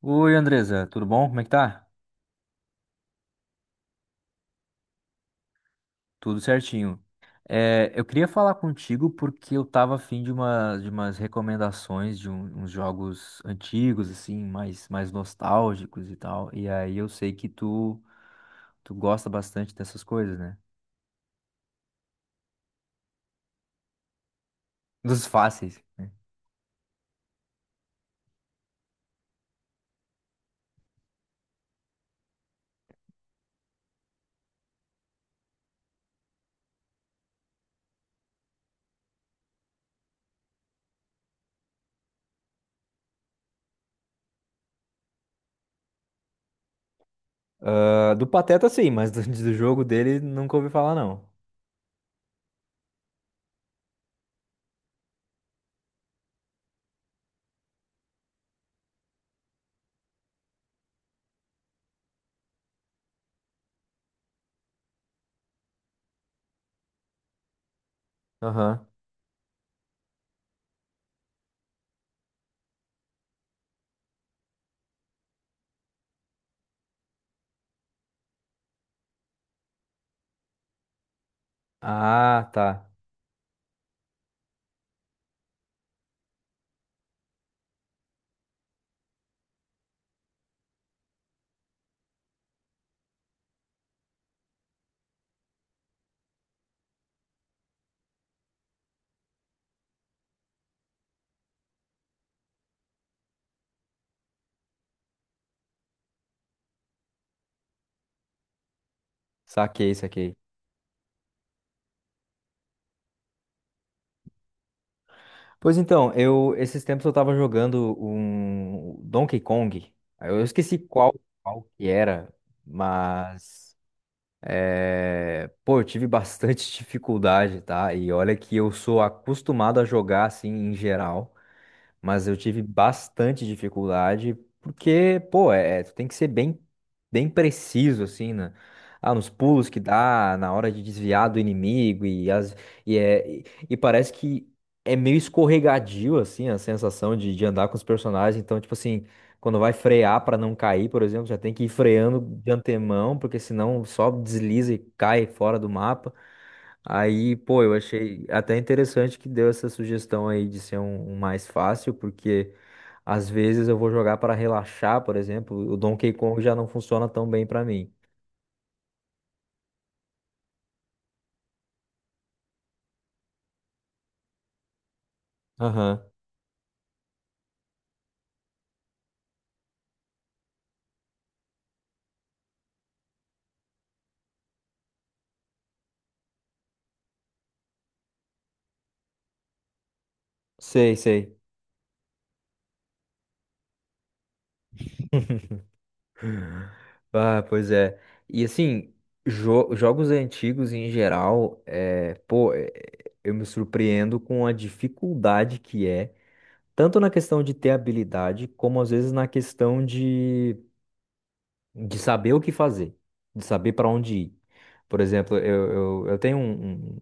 Oi, Andresa, tudo bom? Como é que tá? Tudo certinho. É, eu queria falar contigo porque eu tava afim de uma, de umas recomendações de uns jogos antigos, assim, mais nostálgicos e tal. E aí eu sei que tu gosta bastante dessas coisas, né? Dos fáceis, né? Ah, do Pateta, sim, mas do, do jogo dele nunca ouvi falar, não. Aham. Ah, tá. Saquei, saquei. Pois então, eu esses tempos eu tava jogando um Donkey Kong. Aí, eu esqueci qual que era, mas é, pô, eu tive bastante dificuldade, tá? E olha que eu sou acostumado a jogar assim em geral. Mas eu tive bastante dificuldade, porque, pô, tu tem que ser bem preciso, assim, né? Ah, nos pulos que dá, na hora de desviar do inimigo, e, as, e, é, e parece que é meio escorregadio, assim, a sensação de andar com os personagens. Então, tipo assim, quando vai frear para não cair, por exemplo, já tem que ir freando de antemão, porque senão só desliza e cai fora do mapa. Aí, pô, eu achei até interessante que deu essa sugestão aí de ser um mais fácil, porque às vezes eu vou jogar para relaxar, por exemplo, o Donkey Kong já não funciona tão bem para mim. Aham. Sei, sei. Ah, pois é. E assim, jogos antigos em geral, eu me surpreendo com a dificuldade que é, tanto na questão de ter habilidade, como às vezes na questão de saber o que fazer, de saber para onde ir. Por exemplo, eu tenho um, um,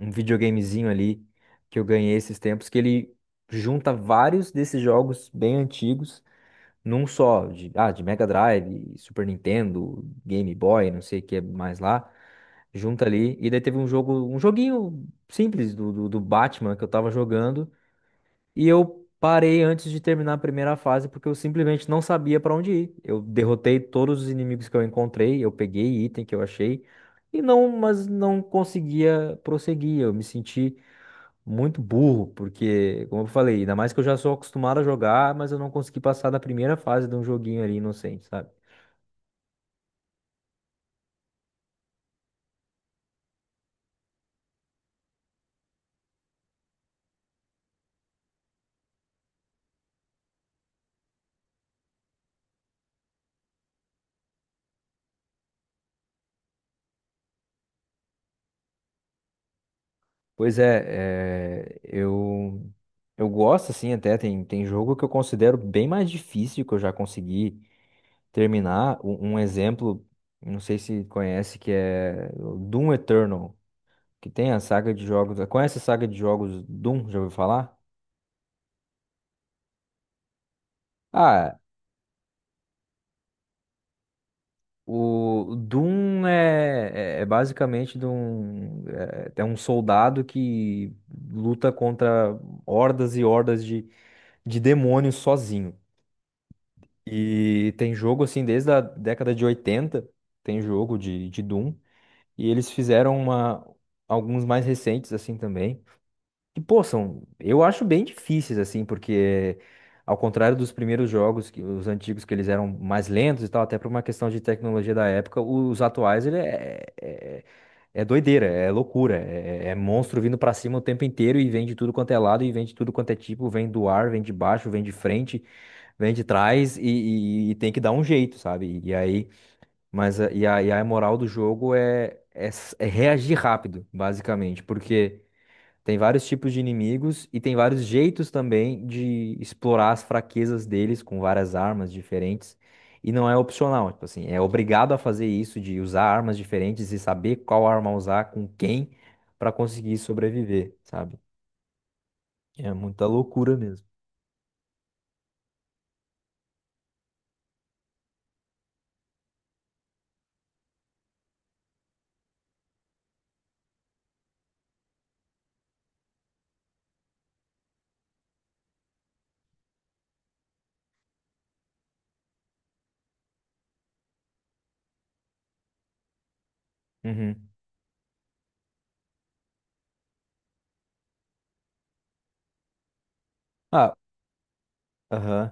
um videogamezinho ali que eu ganhei esses tempos que ele junta vários desses jogos bem antigos num só, de Mega Drive, Super Nintendo, Game Boy, não sei o que mais lá. Junta ali, e daí teve um jogo, um joguinho simples do Batman que eu tava jogando, e eu parei antes de terminar a primeira fase porque eu simplesmente não sabia pra onde ir. Eu derrotei todos os inimigos que eu encontrei, eu peguei item que eu achei mas não conseguia prosseguir. Eu me senti muito burro porque, como eu falei, ainda mais que eu já sou acostumado a jogar, mas eu não consegui passar da primeira fase de um joguinho ali inocente, sabe? Pois é, eu gosto assim, até tem jogo que eu considero bem mais difícil que eu já consegui terminar, um exemplo, não sei se conhece, que é o Doom Eternal, que tem a saga de jogos. Conhece a saga de jogos Doom? Já ouviu falar? Ah, o Doom é basicamente de um soldado que luta contra hordas e hordas de demônios sozinho. E tem jogo assim desde a década de 80, tem jogo de Doom. E eles fizeram alguns mais recentes assim também. Que, pô, são, eu acho bem difíceis, assim, porque ao contrário dos primeiros jogos, que, os antigos, que eles eram mais lentos e tal, até por uma questão de tecnologia da época, os atuais, ele é é doideira, é loucura, é monstro vindo pra cima o tempo inteiro, e vem de tudo quanto é lado, e vem de tudo quanto é tipo, vem do ar, vem de baixo, vem de frente, vem de trás, e tem que dar um jeito, sabe? E aí, a moral do jogo é reagir rápido, basicamente. Porque. Tem vários tipos de inimigos e tem vários jeitos também de explorar as fraquezas deles com várias armas diferentes. E não é opcional, tipo assim, é obrigado a fazer isso de usar armas diferentes e saber qual arma usar com quem para conseguir sobreviver, sabe? É muita loucura mesmo. Uhum. Ah, aham.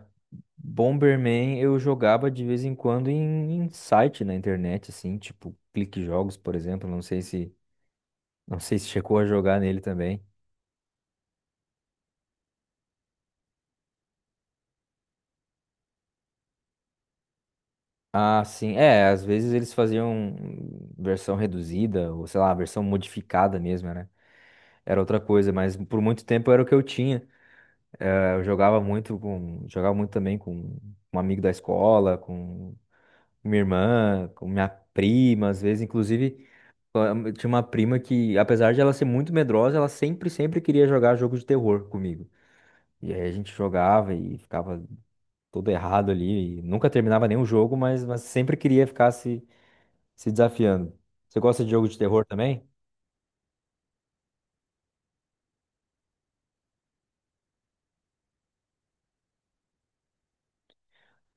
Bomberman eu jogava de vez em quando em site na internet, assim, tipo Clique Jogos, por exemplo. Não sei se chegou a jogar nele também. Ah, sim. É, às vezes eles faziam versão reduzida, ou sei lá, versão modificada mesmo, né? Era outra coisa, mas por muito tempo era o que eu tinha. Eu jogava muito também com um amigo da escola, com minha irmã, com minha prima, às vezes, inclusive, eu tinha uma prima que, apesar de ela ser muito medrosa, ela sempre queria jogar jogo de terror comigo. E aí a gente jogava e ficava todo errado ali, e nunca terminava nenhum jogo, mas sempre queria ficar se desafiando. Você gosta de jogo de terror também?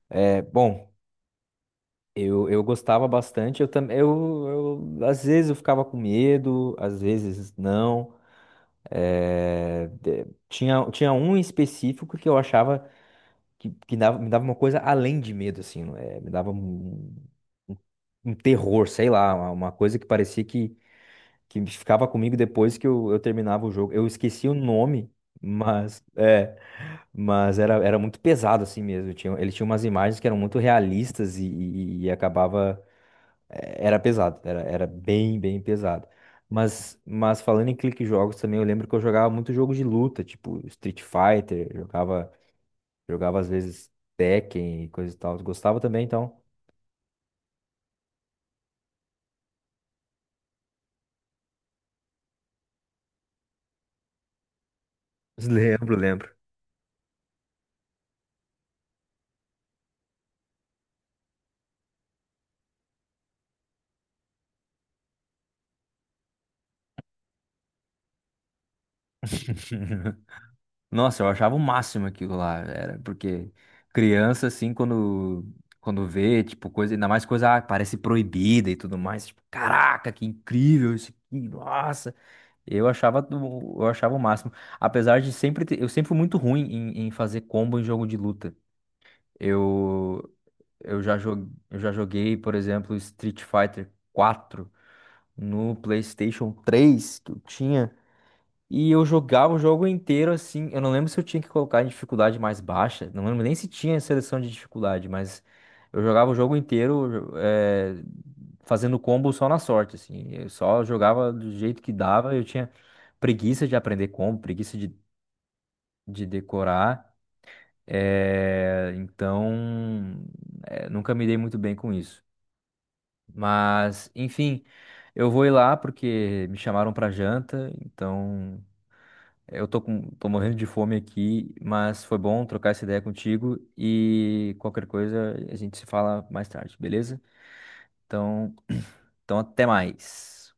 É, bom, eu gostava bastante. Eu também, às vezes eu ficava com medo, às vezes não. É, tinha um em específico que eu achava que me dava uma coisa além de medo, assim, é, me dava um- um terror, sei lá, uma coisa que parecia que ficava comigo depois que eu terminava o jogo. Eu esqueci o nome, mas é. Mas era muito pesado assim mesmo. Ele tinha umas imagens que eram muito realistas, e acabava. Era pesado, era bem, bem pesado. Mas falando em Clique Jogos também, eu lembro que eu jogava muito jogo de luta, tipo Street Fighter, jogava às vezes Tekken e coisa e tal. Gostava também, então. Lembro, lembro. Nossa, eu achava o máximo aquilo lá, era porque criança assim, quando vê, tipo, coisa, ainda mais coisa que parece proibida e tudo mais, tipo, caraca, que incrível isso aqui, nossa. Eu achava o máximo, apesar de sempre ter, eu sempre fui muito ruim em fazer combo em jogo de luta. Eu eu já joguei, por exemplo, Street Fighter 4 no PlayStation 3 que eu tinha. E eu jogava o jogo inteiro assim. Eu não lembro se eu tinha que colocar em dificuldade mais baixa. Não lembro nem se tinha seleção de dificuldade, mas eu jogava o jogo inteiro, fazendo combo só na sorte, assim. Eu só jogava do jeito que dava. Eu tinha preguiça de aprender combo, preguiça de decorar. Então, nunca me dei muito bem com isso. Mas, enfim, eu vou ir lá porque me chamaram pra janta. Então, eu tô morrendo de fome aqui, mas foi bom trocar essa ideia contigo e qualquer coisa a gente se fala mais tarde, beleza? Então, então, até mais.